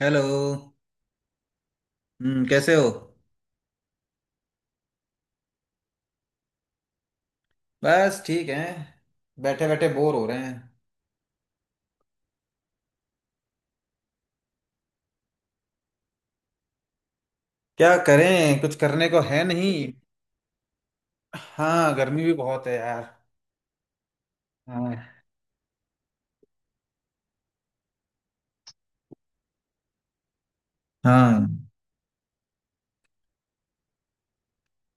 Hello. कैसे हो? बस ठीक है। बैठे बैठे बोर हो रहे हैं। क्या करें? कुछ करने को है नहीं। हाँ, गर्मी भी बहुत है यार। हाँ हाँ।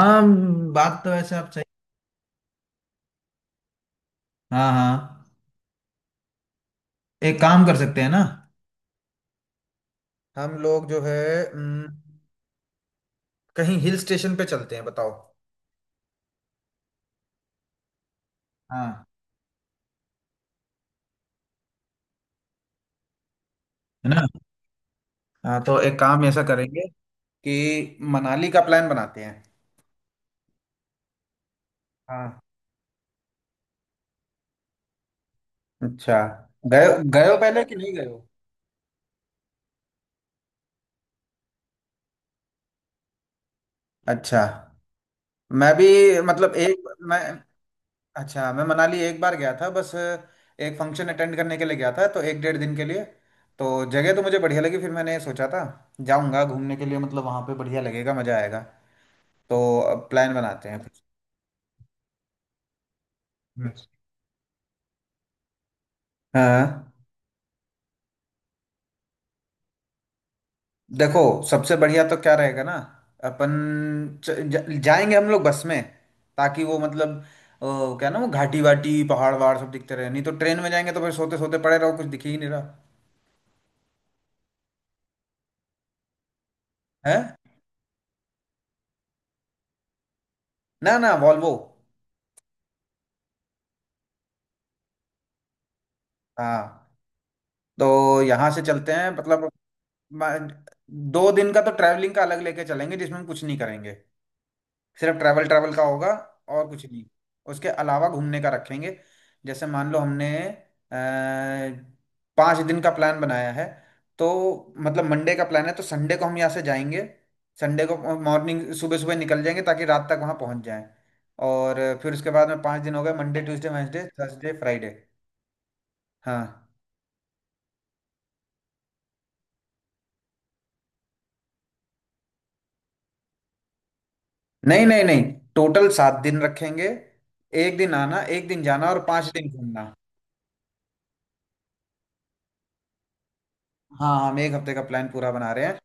बात तो वैसे आप सही। हाँ, हाँ। एक काम कर सकते हैं ना। हम लोग जो है। हम्म, कहीं हिल स्टेशन पे चलते हैं, बताओ। हाँ। है ना। हाँ, तो एक काम ऐसा करेंगे कि मनाली का प्लान बनाते हैं। हाँ। अच्छा। गए गए हो पहले कि नहीं गए हो? अच्छा। मैं भी। मतलब एक। मैं। अच्छा, मैं मनाली एक बार गया था, बस एक फंक्शन अटेंड करने के लिए गया था, तो एक 1.5 दिन के लिए। तो जगह तो मुझे बढ़िया लगी, फिर मैंने सोचा था जाऊंगा घूमने के लिए, मतलब वहां पे बढ़िया लगेगा, मजा आएगा। तो अब प्लान बनाते हैं फिर। हम्म। हाँ। देखो, सबसे बढ़िया तो क्या रहेगा ना। अपन जाएंगे हम लोग बस में, ताकि वो मतलब क्या ना वो घाटी वाटी पहाड़ वहाड़ सब दिखते रहे, नहीं तो ट्रेन में जाएंगे तो फिर सोते सोते पड़े रहो, कुछ दिख ही नहीं रहा। है ना, ना वॉल्वो। हाँ। तो यहाँ से चलते हैं मतलब। मैं- 2 दिन का तो ट्रैवलिंग का अलग लेके चलेंगे, जिसमें हम कुछ नहीं करेंगे, सिर्फ ट्रैवल ट्रैवल का होगा। और कुछ नहीं। उसके अलावा घूमने का रखेंगे। जैसे मान लो हमने अ, 5 दिन का प्लान बनाया है। तो मतलब मंडे का प्लान है तो संडे को हम यहाँ से जाएंगे। संडे को मॉर्निंग, सुबह सुबह निकल जाएंगे ताकि रात तक वहाँ पहुँच जाएं। और फिर उसके बाद में 5 दिन हो गए — Monday, Tuesday, Wednesday, Thursday, Friday. हाँ। नहीं, नहीं, नहीं, टोटल 7 दिन रखेंगे। एक दिन आना, एक दिन जाना, और 5 दिन घूमना। हाँ, हम एक हफ्ते का प्लान पूरा बना रहे हैं।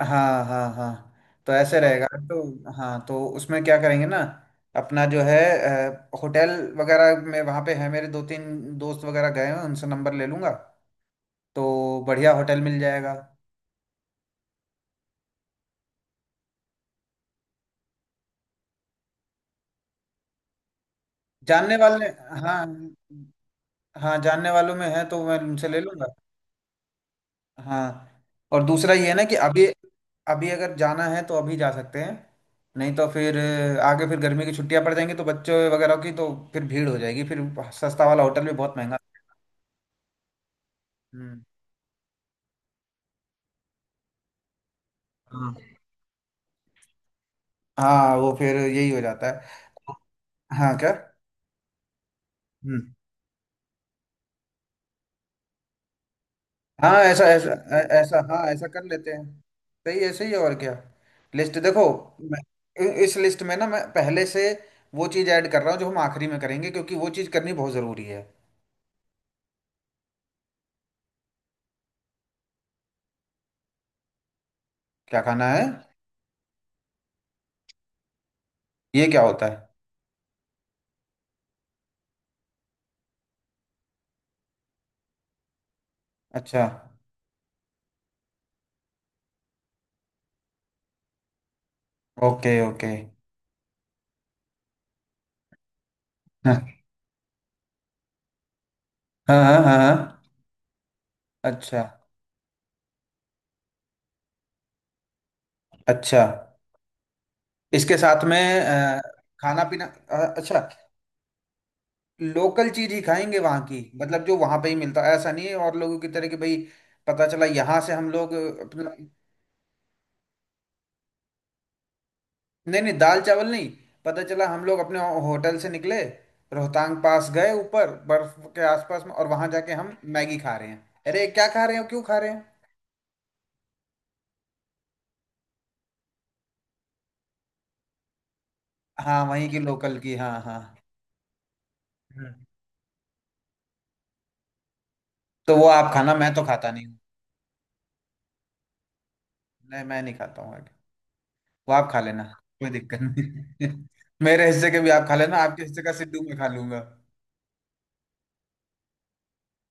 हाँ, हाँ, हाँ, तो ऐसे रहेगा। तो हाँ, तो उसमें क्या करेंगे ना। अपना जो है होटल वगैरह में वहाँ पे है, मेरे दो तीन दोस्त वगैरह गए हैं, उनसे नंबर ले लूँगा। तो बढ़िया होटल मिल जाएगा। जानने वाले। हाँ, हाँ, जानने वालों में है तो मैं उनसे ले लूँगा। हाँ, और दूसरा ये है ना कि अभी। अभी अगर जाना है तो अभी जा सकते हैं, नहीं तो फिर आगे फिर गर्मी की छुट्टियां पड़ जाएंगी तो बच्चों वगैरह की, तो फिर भीड़ हो जाएगी फिर। सस्ता वाला होटल भी बहुत महंगा। हम्म। हाँ, हाँ, वो फिर यही हो जाता है। हाँ, क्या? हम्म। हाँ, ऐसा ऐसा ऐसा, हाँ ऐसा कर लेते हैं। सही, ऐसे ही है और क्या। लिस्ट देखो। मैं इस लिस्ट में ना मैं पहले से वो चीज़ ऐड कर रहा हूँ जो हम आखिरी में करेंगे, क्योंकि वो चीज़ करनी बहुत ज़रूरी है। क्या खाना है? ये क्या होता है? अच्छा। Okay, okay. हाँ, हाँ, हाँ, हाँ, हाँ, अच्छा, अच्छा। इसके साथ में खाना पीना अच्छा। लोकल चीज ही खाएंगे वहाँ की, मतलब जो वहाँ पे ही मिलता है, ऐसा नहीं है और लोगों की तरह कि भाई पता चला यहाँ से हम लोग अपना। नहीं, नहीं, दाल चावल नहीं। पता चला हम लोग अपने होटल से निकले, रोहतांग पास गए ऊपर बर्फ के आसपास में, और वहाँ जाके हम मैगी खा रहे हैं, अरे क्या खा रहे हो, क्यों खा रहे हैं। हाँ, वहीं की लोकल की, हाँ, हाँ। हम्म। तो वो आप खाना, मैं तो खाता नहीं हूँ। नहीं, मैं नहीं खाता हूँ आगे, वो आप खा लेना। कोई दिक्कत नहीं। मेरे हिस्से के भी आप खा लेना, आपके हिस्से का सिड्डू मैं खा लूंगा।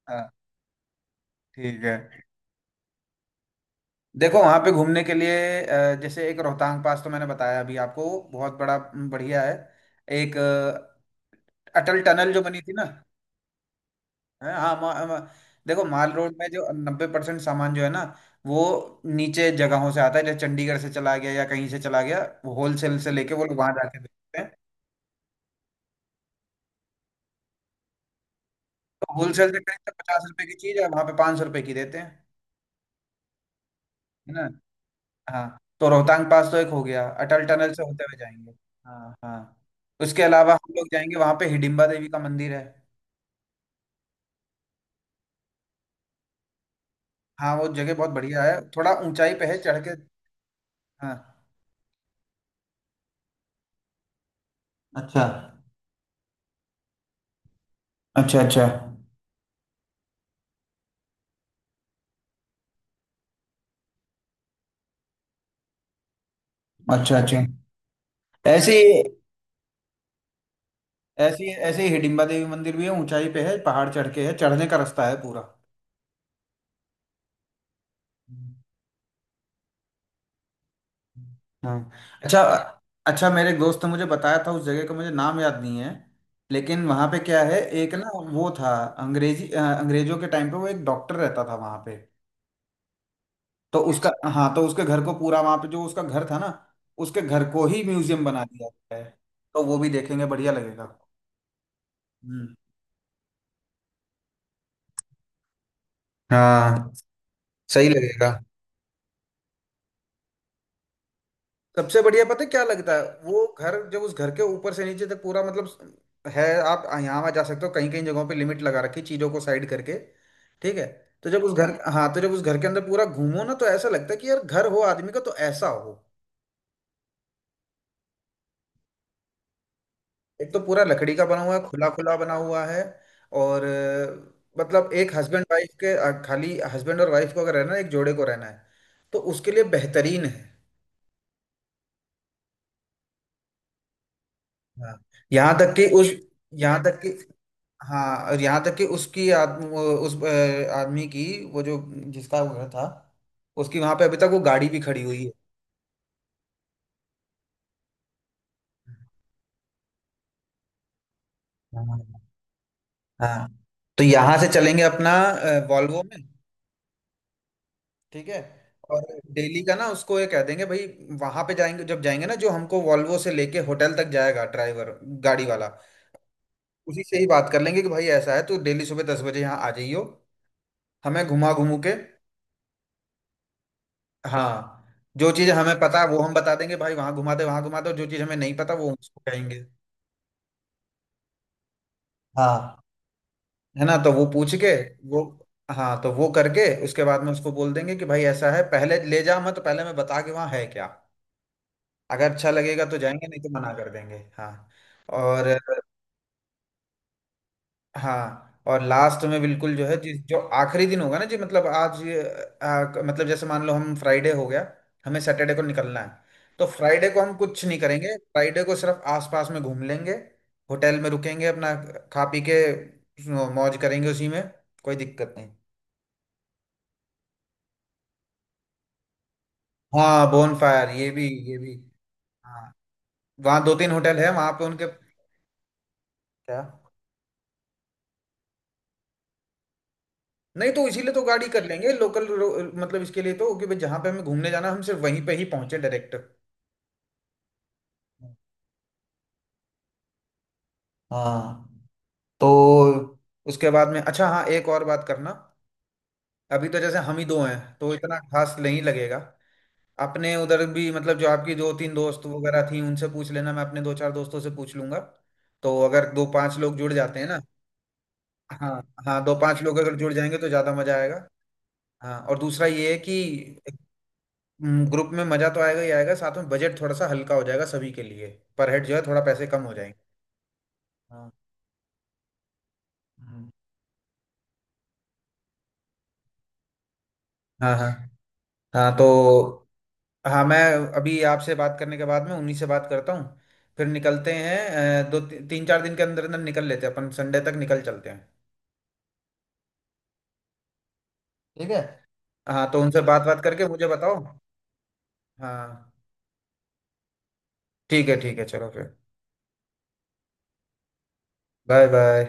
हाँ। ठीक है। देखो वहां पे घूमने के लिए, जैसे एक रोहतांग पास तो मैंने बताया अभी आपको, बहुत बड़ा बढ़िया है। एक अटल टनल जो बनी थी ना। है, हाँ, मा, मा, देखो माल रोड में जो 90% सामान जो है ना, वो नीचे जगहों से आता है, जैसे चंडीगढ़ से चला गया या कहीं से चला गया, वो होलसेल से लेके वो लोग वहां जाके बेचते हैं। तो होलसेल से खरीदते 50 रुपए की चीज है, वहां पे 500 रुपए की देते हैं। है ना। हाँ, तो रोहतांग पास तो एक हो गया, अटल टनल से होते हुए जाएंगे। हाँ, हाँ, उसके अलावा हम लोग जाएंगे वहां पे, हिडिंबा देवी का मंदिर है। हाँ, वो जगह बहुत बढ़िया है, थोड़ा ऊंचाई पे है चढ़ के। हाँ। अच्छा, अच्छा। अच्छा, अच्छा, अच्छा। ऐसे ऐसे ऐसे ही हिडिंबा देवी मंदिर भी है, ऊंचाई पे है, पहाड़ चढ़ के है, चढ़ने का रास्ता है पूरा। हाँ। अच्छा, अच्छा, मेरे एक दोस्त ने मुझे बताया था, उस जगह का मुझे नाम याद नहीं है। लेकिन वहाँ पे क्या है, एक ना वो था अंग्रेजी, अंग्रेजों के टाइम पे वो एक डॉक्टर रहता था वहाँ पे। तो उसका, हाँ, तो उसके घर को पूरा, वहाँ पे जो उसका घर था ना, उसके घर को ही म्यूजियम बना दिया गया है। तो वो भी देखेंगे, बढ़िया लगेगा। हम्म। हाँ, सही लगेगा। सबसे बढ़िया पता है क्या लगता है, वो घर जब उस घर के ऊपर से नीचे तक पूरा, मतलब है, आप यहाँ वहाँ जा सकते हो, कहीं कहीं जगहों पे लिमिट लगा रखी चीजों को साइड करके। ठीक है। तो जब उस घर हाँ, तो जब उस घर के अंदर पूरा घूमो ना तो ऐसा लगता है कि यार घर हो आदमी का तो ऐसा हो। एक तो पूरा लकड़ी का बना हुआ है, खुला खुला बना हुआ है। और मतलब एक हस्बैंड वाइफ के खाली हस्बैंड और वाइफ को अगर रहना है, एक जोड़े को रहना है, तो उसके लिए बेहतरीन है। हाँ। यहाँ तक कि उस, यहाँ तक कि हाँ, और यहाँ तक कि उसकी उस आदमी की, वो जो जिसका वो घर था, उसकी वहां पे अभी तक वो गाड़ी भी खड़ी हुई है। हाँ। हाँ। तो यहाँ से चलेंगे अपना वॉल्वो में। ठीक है। और डेली का ना उसको ये कह देंगे भाई, वहां पे जाएंगे जब जाएंगे ना, जो हमको वॉल्वो से लेके होटल तक जाएगा ड्राइवर, गाड़ी वाला, उसी से ही बात कर लेंगे कि भाई ऐसा है तो डेली सुबह 10 बजे यहाँ आ जाइयो। हमें घुमा घूमू के। हाँ। जो चीज हमें पता है वो हम बता देंगे भाई, वहां घुमा दे वहां घुमा दे, और जो चीज हमें नहीं पता वो हम उसको कहेंगे। हाँ। है ना, तो वो पूछ के, वो, हाँ, तो वो करके उसके बाद में उसको बोल देंगे कि भाई ऐसा है, पहले ले जा मत, पहले मैं बता के वहाँ है क्या, अगर अच्छा लगेगा तो जाएंगे, नहीं तो मना कर देंगे। हाँ। और हाँ, और लास्ट में बिल्कुल जो है, जिस जो आखिरी दिन होगा ना जी, मतलब आज, मतलब जैसे मान लो हम फ्राइडे हो गया, हमें सैटरडे को निकलना है। तो फ्राइडे को हम कुछ नहीं करेंगे, फ्राइडे को सिर्फ आसपास में घूम लेंगे। होटल में रुकेंगे अपना, खा पी के मौज करेंगे उसी में। कोई दिक्कत नहीं। हाँ, बोन फायर, ये भी ये भी। हाँ, वहाँ दो तीन होटल है वहाँ पे उनके। क्या। नहीं तो इसीलिए तो गाड़ी कर लेंगे लोकल, मतलब इसके लिए तो, कि भाई जहाँ पे हमें घूमने जाना हम सिर्फ वहीं पे ही पहुंचे, डायरेक्ट। हाँ। तो उसके बाद में, अच्छा हाँ, एक और बात करना। अभी तो जैसे हम ही दो हैं तो इतना खास नहीं लगेगा। अपने उधर भी मतलब जो आपकी दो तीन दोस्त वगैरह थी उनसे पूछ लेना, मैं अपने दो चार दोस्तों से पूछ लूंगा। तो अगर दो पांच लोग जुड़ जाते हैं ना। हाँ, हाँ, दो पांच लोग अगर जुड़ जाएंगे तो ज्यादा मजा आएगा। हाँ, और दूसरा ये है कि ग्रुप में मजा तो आएगा ही आएगा, साथ में बजट थोड़ा सा हल्का हो जाएगा सभी के लिए, पर हेड जो है थोड़ा पैसे कम हो जाएंगे। हाँ। हम्म। हाँ, हाँ, हाँ, तो हाँ, मैं अभी आपसे बात करने के बाद में उन्हीं से बात करता हूँ, फिर निकलते हैं। दो तीन चार दिन के अंदर अंदर निकल लेते हैं अपन, संडे तक निकल चलते हैं। ठीक है। हाँ, तो उनसे बात बात करके मुझे बताओ। हाँ, ठीक है, ठीक है, चलो फिर, बाय बाय।